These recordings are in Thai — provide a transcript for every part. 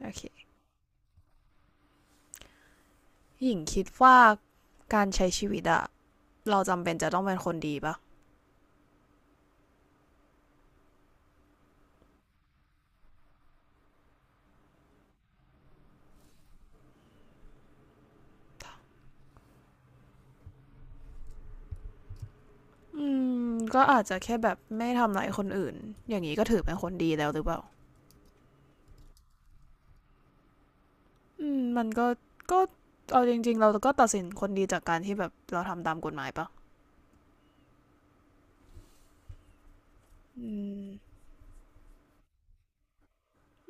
โอเคหญิงคิดว่าการใช้ชีวิตอะเราจำเป็นจะต้องเป็นคนดีปะอืมก็อาจจะแค่แบบไม่ทำร้ายคนอื่นอย่างนี้ก็ถือเป็นคนดีแล้วหรือเปล่ามันก็ก็เอาจริงๆเราก็ตัดสินคนดีจากการที่แบบเราทำตามกฎหมายปะอืม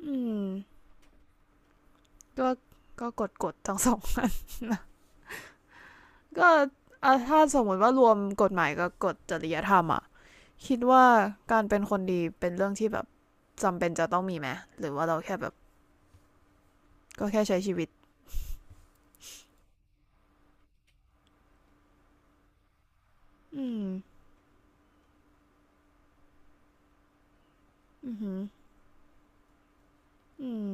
อืมก็กฎทั้งสองก็ถ้าสมมติว่ารวมกฎหมายกับกฎจริยธรรมอะคิดว่าการเป็นคนดีเป็นเรื่องที่แบบจำเป็นจะต้องมีไหมหรือว่าเราแค่แบบก็แค่ใช้ชีวิต อืมอือหืออืม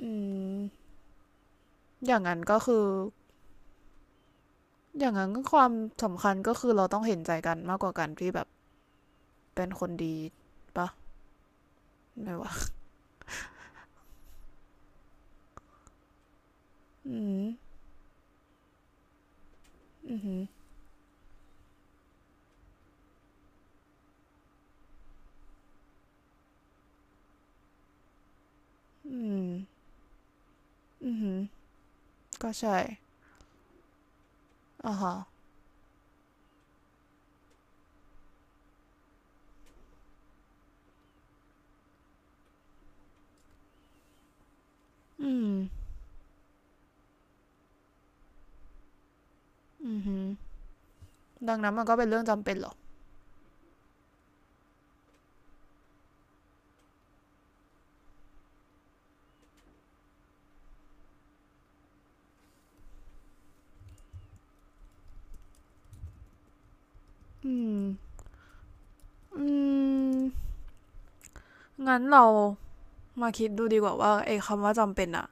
อืมอย่างนั้นก็คือ อย่างนั้นก็ความสำคัญก็คือเราต้องเห็นใจกันมากกว่ากันที่แบบเป็นคนดีปะไม่วะอืมอือหืออืมอือหือก็ใช่อ่าฮะอืมอือหือดังนั้นมันก็เป็นเรื่องจำเป็นเหรออืมอืมงั้นเรามาคิดดูดีกว่าว่าไอ้คำว่าจำเป็นอะ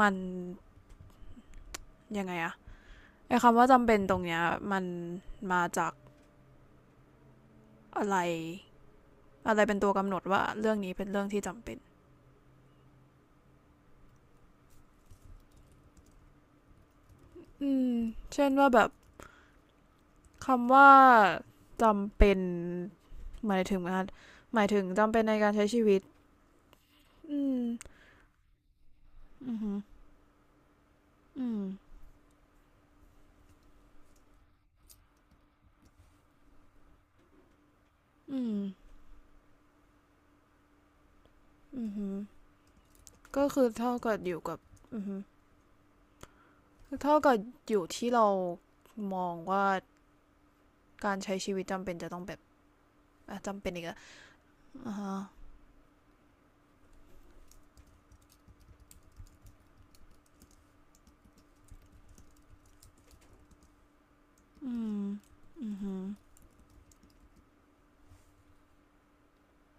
มันยังไงอะไอ้คำว่าจำเป็นตรงเนี้ยมันมาจาก อะไรอะไรเป็นตัวกำหนดว่าเรื่องนี้เป็นเรื่องที่จำเป็นอืมเช่นว่าแบบคำว่าจำเป็นหมายถึงนะหมายถึงจำเป็นในการใช้ชีวิตอืมอือหือืมอืมอือหืก็คือเท่ากับอยู่กับอือฮึเท่ากับอยู่ที่เรามองว่าการใช้ชีวิตจำเป็นจะต้องแบบจำเป็นอีกอะอ่าฮะอืม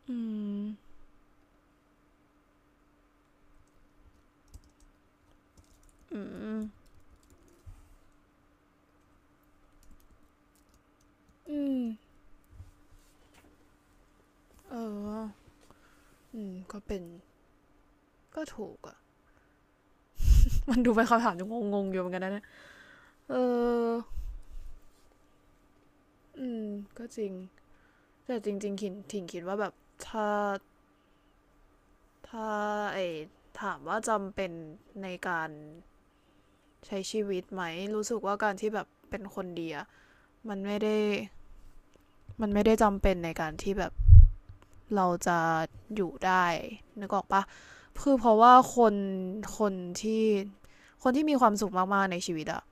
อืมอืมอืมเอออืมก็เป็นก็ถูกอะ มันดูเป็นคำถามที่งงๆอยู่เหมือนกันนะเอออืมก็จริงแต่จริงๆคิดว่าแบบถ้าถ้าไอถามว่าจำเป็นในการใช้ชีวิตไหมรู้สึกว่าการที่แบบเป็นคนดีอะมันไม่ได้มันไม่ได้จำเป็นในการที่แบบเราจะอยู่ได้นึกออกปะคือเพราะว่าคนที่คนที่มีความสุขมากๆในชีวิตอะ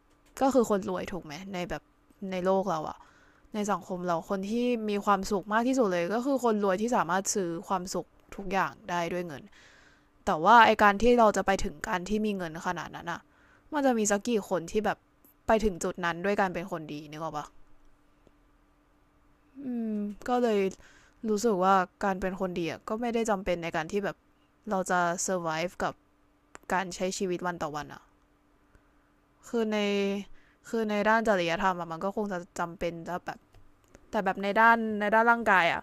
ก็คือคนรวยถูกไหมในแบบในโลกเราอะ ในสังคมเราคนที่มีความสุขมากที่สุดเลยก็คือคนรวยที่สามารถซื้อความสุขทุกอย่างได้ด้วยเงิน แต่ว่าไอการที่เราจะไปถึงการที่มีเงินขนาดนั้นอะมันจะมีสักกี่คนที่แบบไปถึงจุดนั้นด้วยการเป็นคนดีนึกออกปะอืมก็เลยรู้สึกว่าการเป็นคนดีอะก็ไม่ได้จำเป็นในการที่แบบเราจะ survive กับการใช้ชีวิตวันต่อวันอะคือในด้านจริยธรรมอะมันก็คงจะจำเป็นจะแบบแต่แบบในด้านร่างกายอะ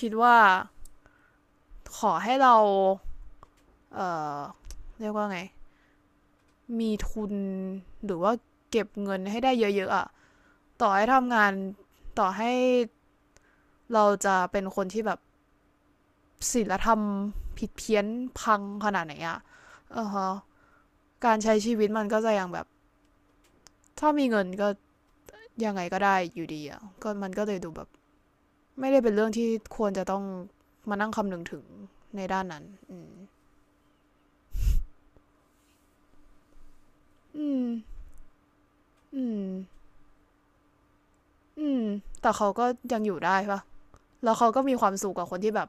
คิดว่า ขอให้เราเอ่อเรียกว่าไง มีทุน หรือว่าเก็บเงินให้ได้เยอะๆอะต่อให้ทำงานต่อให้เราจะเป็นคนที่แบบศีลธรรมผิดเพี้ยนพังขนาดไหนอะเออฮะการใช้ชีวิตมันก็จะยังแบบถ้ามีเงินก็ยังไงก็ได้อยู่ดีอะก็มันก็เลยดูแบบไม่ได้เป็นเรื่องที่ควรจะต้องมานั่งคำนึงถึงในด้านนั้นอืมอืมอืมอืมแต่เขาก็ยังอยู่ได้ปะ แล้วเขาก็มีความสุขกับคนที่แบบ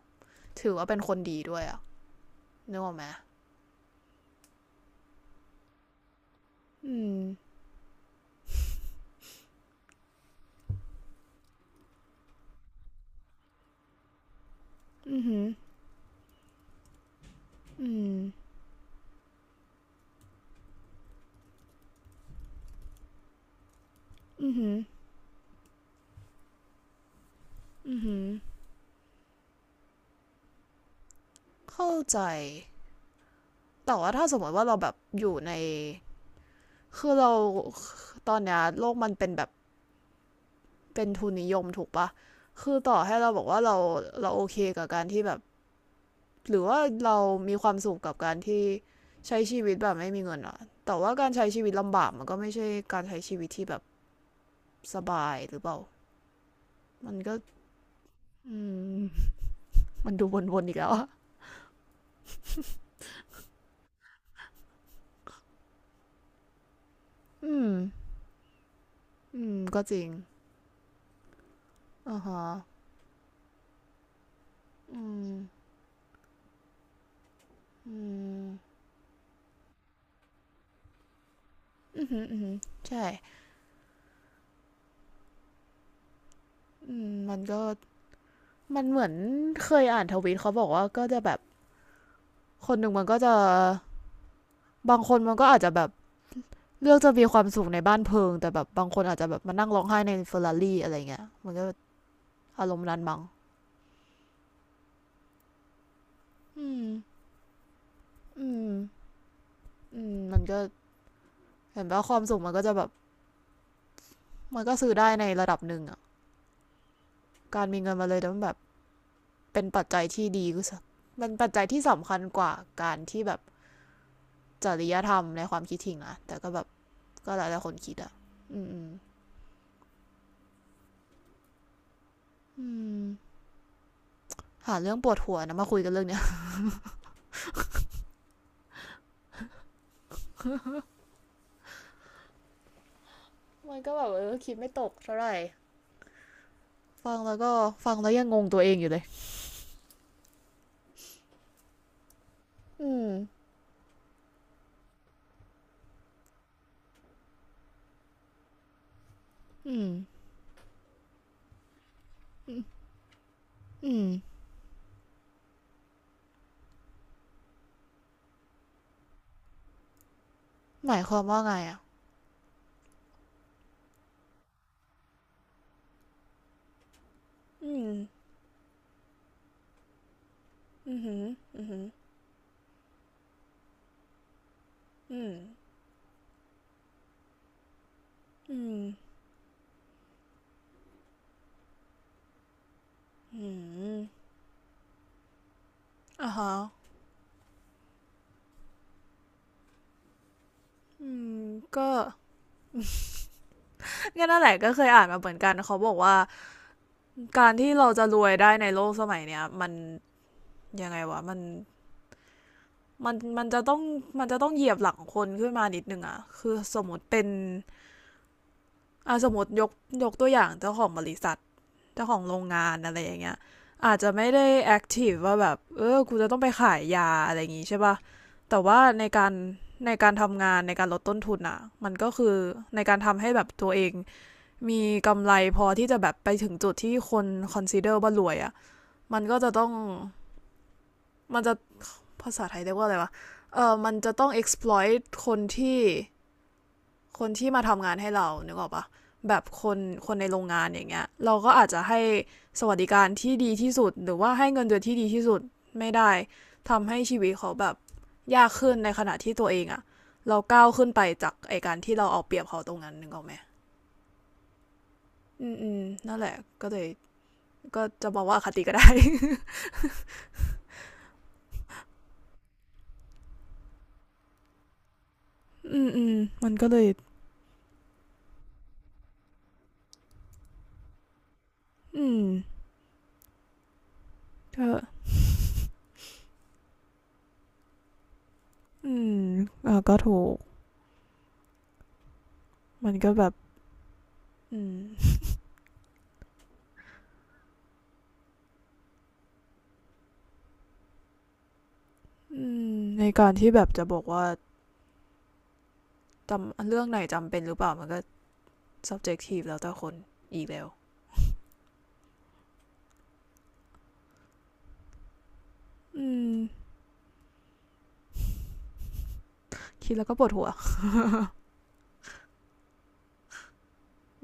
ถือว่าเป็นคนดีด้วยอะนึกออกไหมอืมอืออืมอือเข้าใจแต่ว่าถ้าสมมติว่าเราแบบอยู่ในคือเราตอนเนี้ยโลกมันเป็นแบบเป็นทุนนิยมถูกปะคือต่อให้เราบอกว่าเราโอเคกับการที่แบบหรือว่าเรามีความสุขกับการที่ใช้ชีวิตแบบไม่มีเงินอะแต่ว่าการใช้ชีวิตลำบากมันก็ไม่ใช่การใช้ชีวิตที่แบบสบายหรือเปล่ามันก็อืม มันดูวนๆอีกแล้วออืมอืมก็จริงอ่าฮะอืมอืมอือหืออือหือใช่อืมมันก็มันเหมือนเคยอ่านทวีตเขาบอกว่าก็จะแบบ คนหนึ่งมันก็จะ บางคนมันก็อาจจะแบบเลือกจะมีความสุขในบ้านเพลิงแต่แบบบางคนอาจจะแบบมานั่งร้องไห้ในเฟอร์รารี่อะไรเงี้ยมันก็อารมณ์นั้นมั้งอืมอืมอืมมันก็เห็นว่าความสุขมันก็จะแบบมันก็ซื้อได้ในระดับหนึ่งอะการมีเงินมาเลยแต่มันแบบ เป็นปัจจัยที่ดีก็สมันปัจจัยที่สำคัญกว่าการที่แบบจริยธรรมในความคิดถิงนะแต่ก็แบบก็หลายๆคนคิดอะอืมอืมอืหาเรื่องปวดหัวนะมาคุยกันเรื่องเนี้ยมันก็แบบเออคิดไม่ตกเท่าไหร่ฟังแล้วก็ฟังแล้วยังงงตัวเองอยู่เลยอืมอืมอืมหมายความว่าไงอ่ะอืมอืมหืมอืืมอืมอืมอืมอ่าฮะอืมก็งั้นนั่นแหละก็เคยอ่านมาเหมือนกันเขาบอกว่า การที่เราจะรวยได้ในโลกสมัยเนี้ยมันยังไงวะมันมันจะต้องเหยียบหลังคนขึ้นมานิดนึงอะคือสมมติเป็นอ่ะสมมติยกตัวอย่างเจ้าของบริษัทเจ้าของโรงงานอะไรอย่างเงี้ยอาจจะไม่ได้แอคทีฟว่าแบบเออกูจะต้องไปขายยาอะไรอย่างงี้ใช่ป่ะแต่ว่าในการทำงานในการลดต้นทุนอะมันก็คือในการทำให้แบบตัวเองมีกำไรพอที่จะแบบไปถึงจุดที่คนคอนซ n เดอร์ว่ารวยอะมันก็จะต้อง มันจะภาษาไทยเรียกว่าอะไรวะเออมันจะต้อง exploit คนที่ คนที่มาทำงานให้เรานึกออกปะแบบคนคนในโรงงานอย่างเงี้ย เราก็อาจจะให้สวัสดิการที่ดีที่สุด หรือว่าให้เงินเดือนที่ดีที่สุด ไม่ได้ทำให้ชีวิตเขาแบบยากขึ้นในขณะที่ตัวเองอะ เราก้าวขึ้นไปจากไอการที่เราเอาเปรียบเขาตรงนั้นนึกออกไหมอืมอืมนั่นแหละก็เลยก็จะบอกว่าอคติก็ได้ อืมอืมมันก็เลยอืมกออืมเออก็ถูก มันก็แบบอืมอืมในการที่แบบจะบอกว่าจำเรื่องไหนจำเป็นหรือเปล่ามันก็ subjective แล้วแต่คนอีกแล้ว อืม คิดแล้วก็ปวดหัว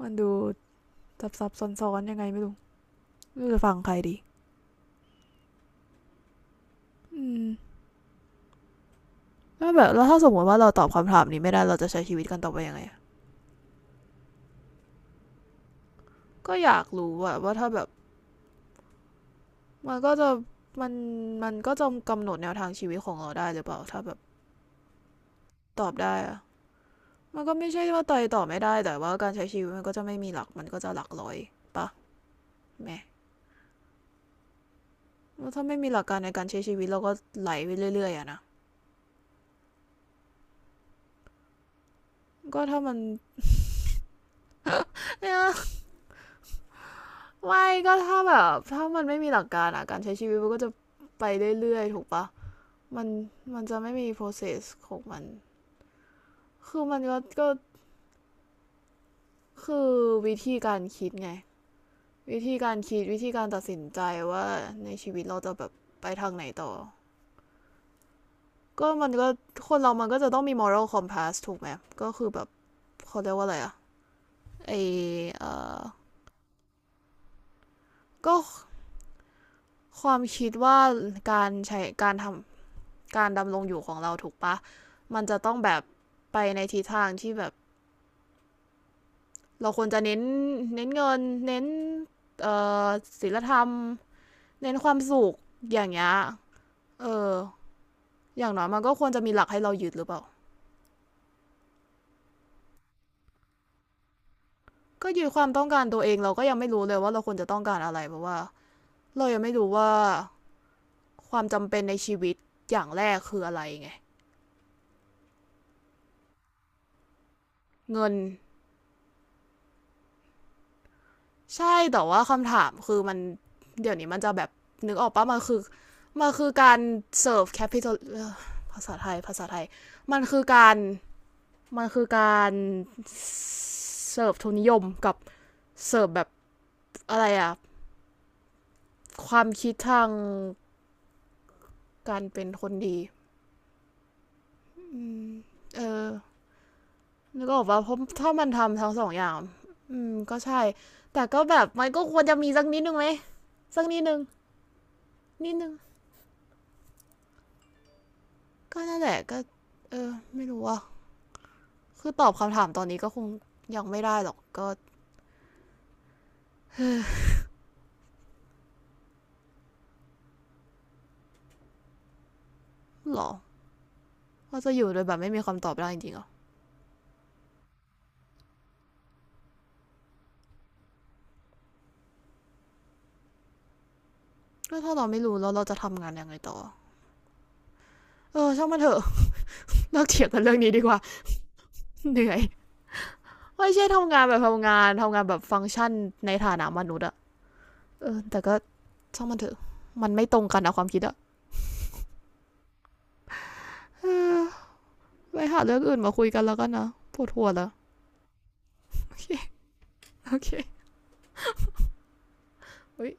มันดูซับซับซ้อนซนๆยังไงไม่รู้ไม่รู้จะฟังใครดี อืม แล้วแบบแล้วถ้าสมมติว่าเราตอบคำถามนี้ไม่ได้เราจะใช้ชีวิตกันต่อไปยังไง ก็อยากรู้ว่าถ้าแบบมันก็จะมันมันก็จะกำหนดแนวทางชีวิตของเราได้หรือเปล่าถ้าแบบตอบได้อะมันก็ไม่ใช่ว่าตอยตอบไม่ได้แต่ว่าการใช้ชีวิตมันก็จะไม่มีหลักมันก็จะหลักร้อยไป แหมแถ้าไม่มีหลักการในการใช้ชีวิตเราก็ไหลไปเรื่อยๆอะนะก็ถ้ามันเนี่ยไม่ก็ถ้าแบบถ้ามันไม่มีหลักการอะการใช้ชีวิตมันก็จะไปเรื่อยๆถูกปะมันมันจะไม่มี process ของมันคือมันก็คือวิธีการคิดไงวิธีการคิดวิธีการตัดสินใจว่าในชีวิตเราจะแบบไปทางไหนต่อก็มันก็คนเรามันก็จะต้องมี moral compass ถูกไหมก็คือแบบเขาเรียกว่าอะไรอะไอเออก็ ความคิดว่าการใช้การทำการดำรงอยู่ของเราถูกปะ มันจะต้องแบบไปในทิศทางที่แบบเราควรจะเน้นเน้นเงินเน้นเอ่อศีลธรรมเน้นความสุขอย่างเงี้ยเออ อย่างน้อยมันก็ควรจะมีหลักให้เรายึดหรือเปล่า ก็ยึดความต้องการตัวเองเราก็ยังไม่รู้เลยว่าเราควรจะต้องการอะไรเพราะว่าเรายังไม่รู้ว่าความจำเป็นในชีวิตอย่างแรกคืออะไรไงเงิน ใช่แต่ว่าคำถามคือมันเดี๋ยวนี้มันจะแบบนึกออกปะมันคือมันคือการเสิร์ฟแคปิตอลภาษาไทยมันคือการมันคือการเสิร์ฟทุนนิยมกับเสิร์ฟแบบอะไรอะความคิดทางการเป็นคนดีเออนึกออกว่ะเพราะถ้ามันทำทั้งสองอย่างอืมก็ใช่แต่ก็แบบมันก็ควรจะมีสักนิดนึงไหมสักนิดนึงนิดนึงก็นั่นแหละก็เออไม่รู้ว่า คือตอบคำถามตอนนี้ก็คงยังไม่ได้หรอกก็หรอเราจะอยู่โดยแบบไม่มีคำตอบได้จริงๆเหรอะก็ถ้าเราไม่รู้แล้วเราจะทำงานยังไงต่อเออช่างมันเถอะ เลิกเถียงกันเรื่องนี้ดีกว่า เหนื่อยไม่ใช่ทำงานแบบทำงานแบบฟังก์ชันในฐานะมนุษย์อะเออแต่ก็ช่างมันเถอะมันไม่ตรงกันนะความคิดอะเอไปหาเรื่องอื่นมาคุยกันแล้วกันนะปวดหัวแล้ว โอเคโอเคเฮ้ย